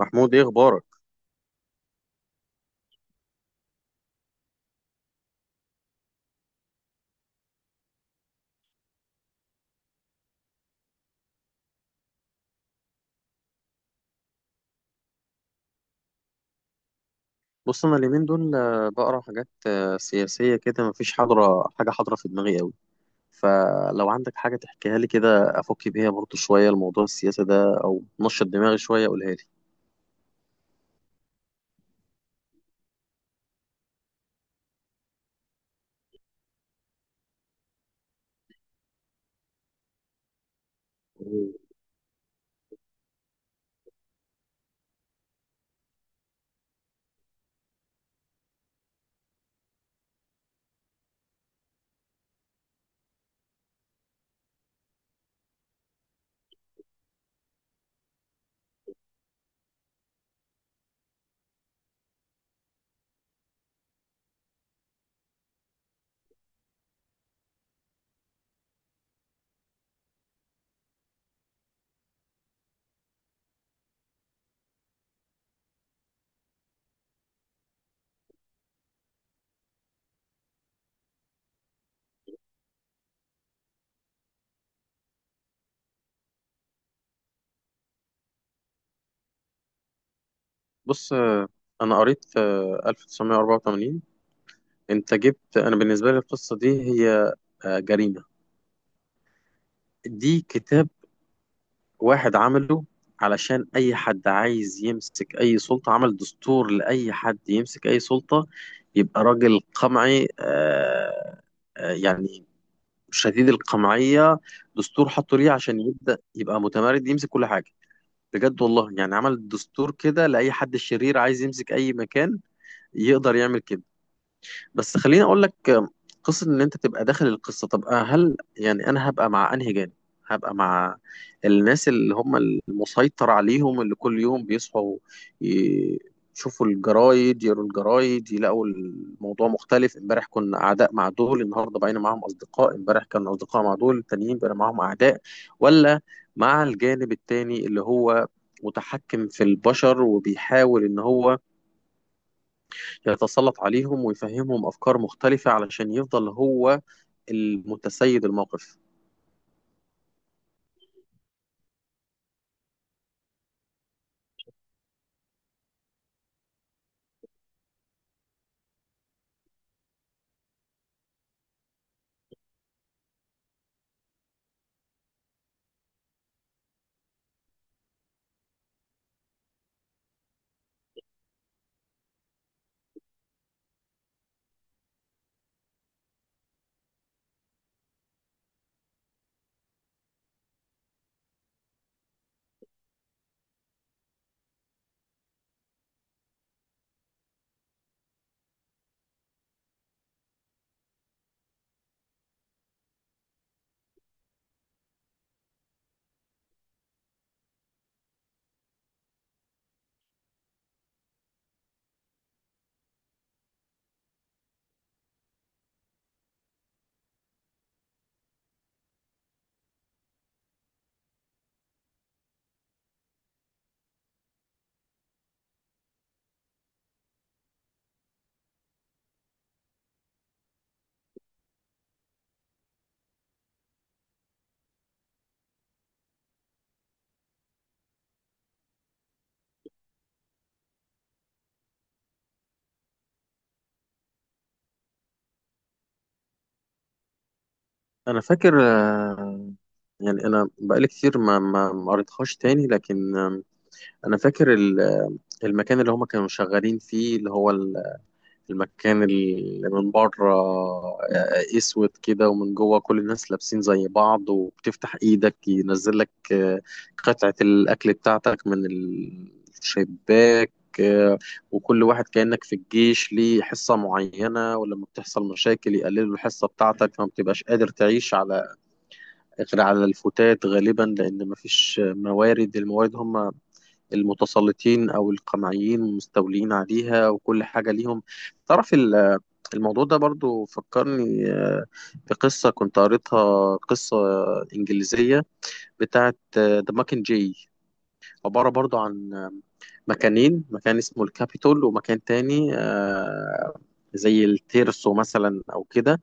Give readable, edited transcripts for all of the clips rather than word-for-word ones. محمود، ايه اخبارك؟ بص انا اليومين دول بقرا حاجات سياسيه كده، مفيش حاجه حاضره في دماغي قوي. فلو عندك حاجه تحكيها لي كده افك بيها برضو شويه الموضوع السياسي ده او نشط دماغي شويه، قولها لي. بص، انا قريت 1984. انت جبت، انا بالنسبه لي القصه دي هي جريمه. دي كتاب واحد عمله علشان أي حد عايز يمسك أي سلطة، عمل دستور لأي حد يمسك أي سلطة يبقى راجل قمعي، يعني شديد القمعية. دستور حطوا ليه عشان يبدأ يبقى متمرد يمسك كل حاجة، بجد والله. يعني عمل دستور كده لأي حد شرير عايز يمسك أي مكان يقدر يعمل كده. بس خليني اقول لك قصه ان انت تبقى داخل القصه. طب هل يعني انا هبقى مع انهي جانب؟ هبقى مع الناس اللي هم المسيطر عليهم، اللي كل يوم بيصحوا ي- يشوفوا الجرايد، يقروا الجرايد يلاقوا الموضوع مختلف، امبارح كنا اعداء مع دول النهارده بقينا معاهم اصدقاء، امبارح كانوا اصدقاء مع دول التانيين بقينا معاهم اعداء، ولا مع الجانب التاني اللي هو متحكم في البشر وبيحاول ان هو يتسلط عليهم ويفهمهم أفكار مختلفة علشان يفضل هو المتسيد الموقف؟ أنا فاكر يعني أنا بقالي كتير ما قريتهاش تاني، لكن أنا فاكر المكان اللي هما كانوا شغالين فيه، اللي هو المكان اللي من بره اسود كده، ومن جوه كل الناس لابسين زي بعض، وبتفتح ايدك ينزل لك قطعة الاكل بتاعتك من الشباك، آه، وكل واحد كأنك في الجيش ليه حصة معينة، ولما بتحصل مشاكل يقللوا الحصة بتاعتك فما بتبقاش قادر تعيش على غير على الفتات غالبا، لأن مفيش موارد. الموارد هم المتسلطين أو القمعيين مستولين عليها، وكل حاجة ليهم. تعرف، الموضوع ده برضو فكرني بقصة كنت قريتها، قصة إنجليزية بتاعت ذا ماكن جاي، عبارة برضو عن مكانين، مكان اسمه الكابيتول ومكان تاني زي التيرسو مثلا أو كده.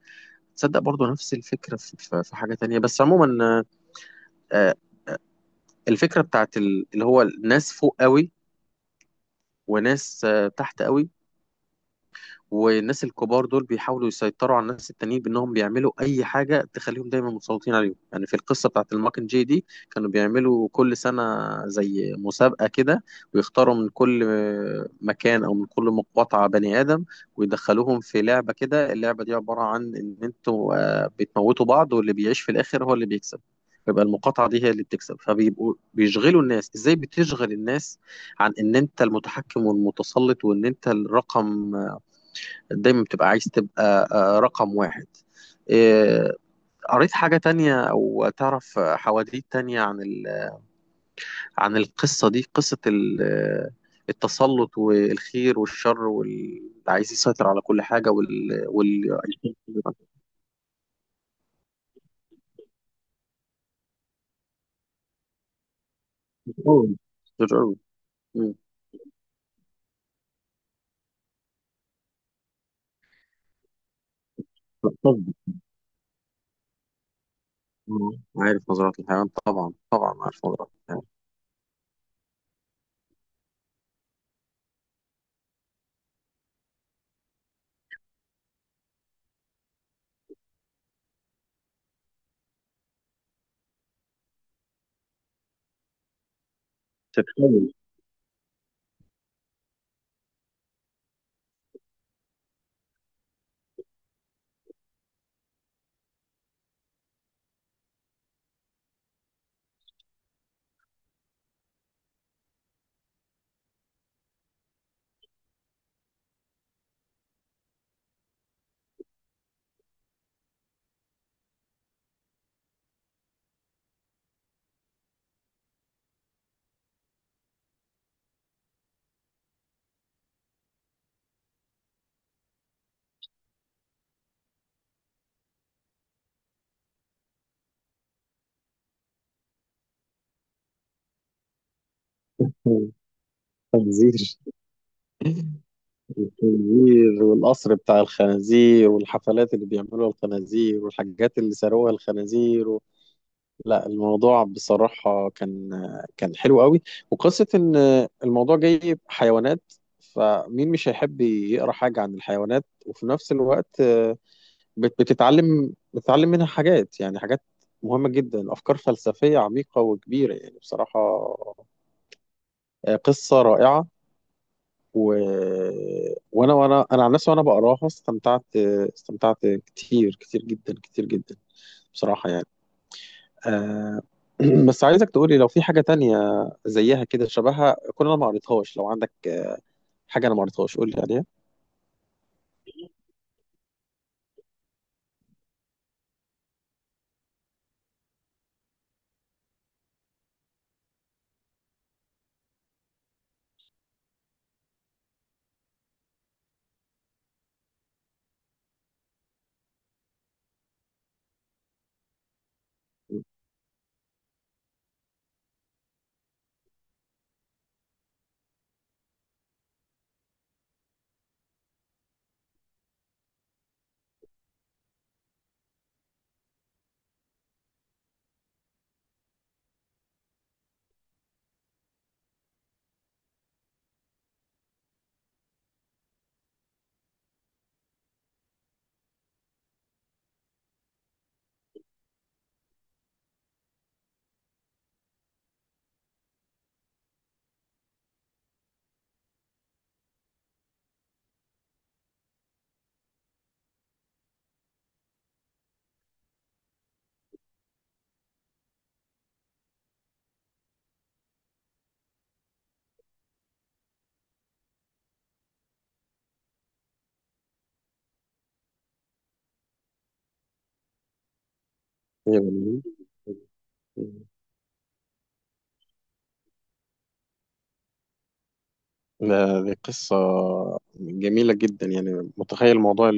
تصدق برضو نفس الفكرة في حاجة تانية. بس عموما آه، الفكرة بتاعت اللي هو ناس فوق قوي وناس تحت قوي، والناس الكبار دول بيحاولوا يسيطروا على الناس التانيين بانهم بيعملوا اي حاجه تخليهم دايما متسلطين عليهم. يعني في القصه بتاعت الماكن جي دي كانوا بيعملوا كل سنه زي مسابقه كده، ويختاروا من كل مكان او من كل مقاطعه بني ادم ويدخلوهم في لعبه كده. اللعبه دي عباره عن ان انتوا بتموتوا بعض، واللي بيعيش في الاخر هو اللي بيكسب، يبقى المقاطعة دي هي اللي بتكسب. فبيبقوا بيشغلوا الناس. ازاي بتشغل الناس عن ان انت المتحكم والمتسلط وان انت الرقم؟ دايما بتبقى عايز تبقى رقم واحد. آه، قريت حاجة تانية أو تعرف حواديت تانية عن عن القصة دي، قصة ال... آه، التسلط والخير والشر واللي عايز يسيطر على كل حاجة؟ مم. لا، طبعا. آه، عارف نظرات الحيوان، طبعا. طبعا عارف نظرات الحيوان. تتحول. تنذير. الخنزير والقصر بتاع الخنازير، والحفلات اللي بيعملوها الخنازير، والحاجات اللي ساروها الخنازير و... لا، الموضوع بصراحة كان حلو قوي. وقصة إن الموضوع جاي حيوانات، فمين مش هيحب يقرأ حاجة عن الحيوانات؟ وفي نفس الوقت بتتعلم منها حاجات، يعني حاجات مهمة جدا، أفكار فلسفية عميقة وكبيرة، يعني بصراحة قصة رائعة و... وانا عن نفسي وانا بقراها، استمتعت كتير كتير جدا كتير جدا بصراحة. يعني آه... بس عايزك تقولي لو في حاجة تانية زيها كده، شبهها. كل انا ما قريتهاش، لو عندك حاجة انا ما قريتهاش قولي عليها. يا جميل. دي قصة جميلة جدا. يعني متخيل موضوع،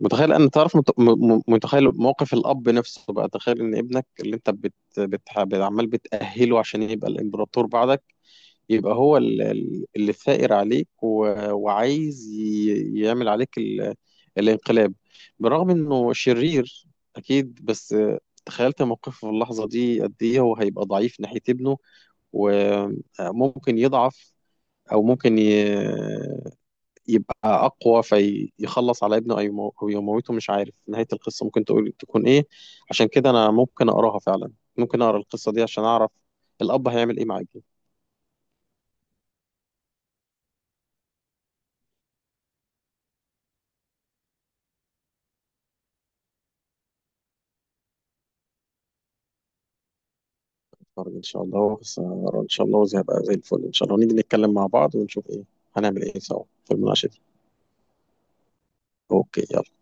متخيل أنا، تعرف متخيل موقف الأب نفسه بقى. تخيل إن ابنك اللي أنت عمال بتأهله عشان يبقى الإمبراطور بعدك، يبقى هو اللي ثائر عليك و... وعايز يعمل عليك الانقلاب. برغم إنه شرير أكيد، بس تخيلت موقفه في اللحظة دي قد إيه هو هيبقى ضعيف ناحية ابنه. وممكن يضعف أو ممكن يبقى أقوى فيخلص على ابنه، أو أو يموته، مش عارف نهاية القصة ممكن تقول تكون إيه. عشان كده أنا ممكن أقراها فعلا، ممكن أقرأ القصة دي عشان أعرف الأب هيعمل إيه مع ابنه. أتفرج إن شاء الله، بس أقرأ إن شاء الله وزي هبقى زي الفل إن شاء الله، نيجي نتكلم مع بعض ونشوف إيه هنعمل إيه سوا في المناقشة دي. أوكي، يلا.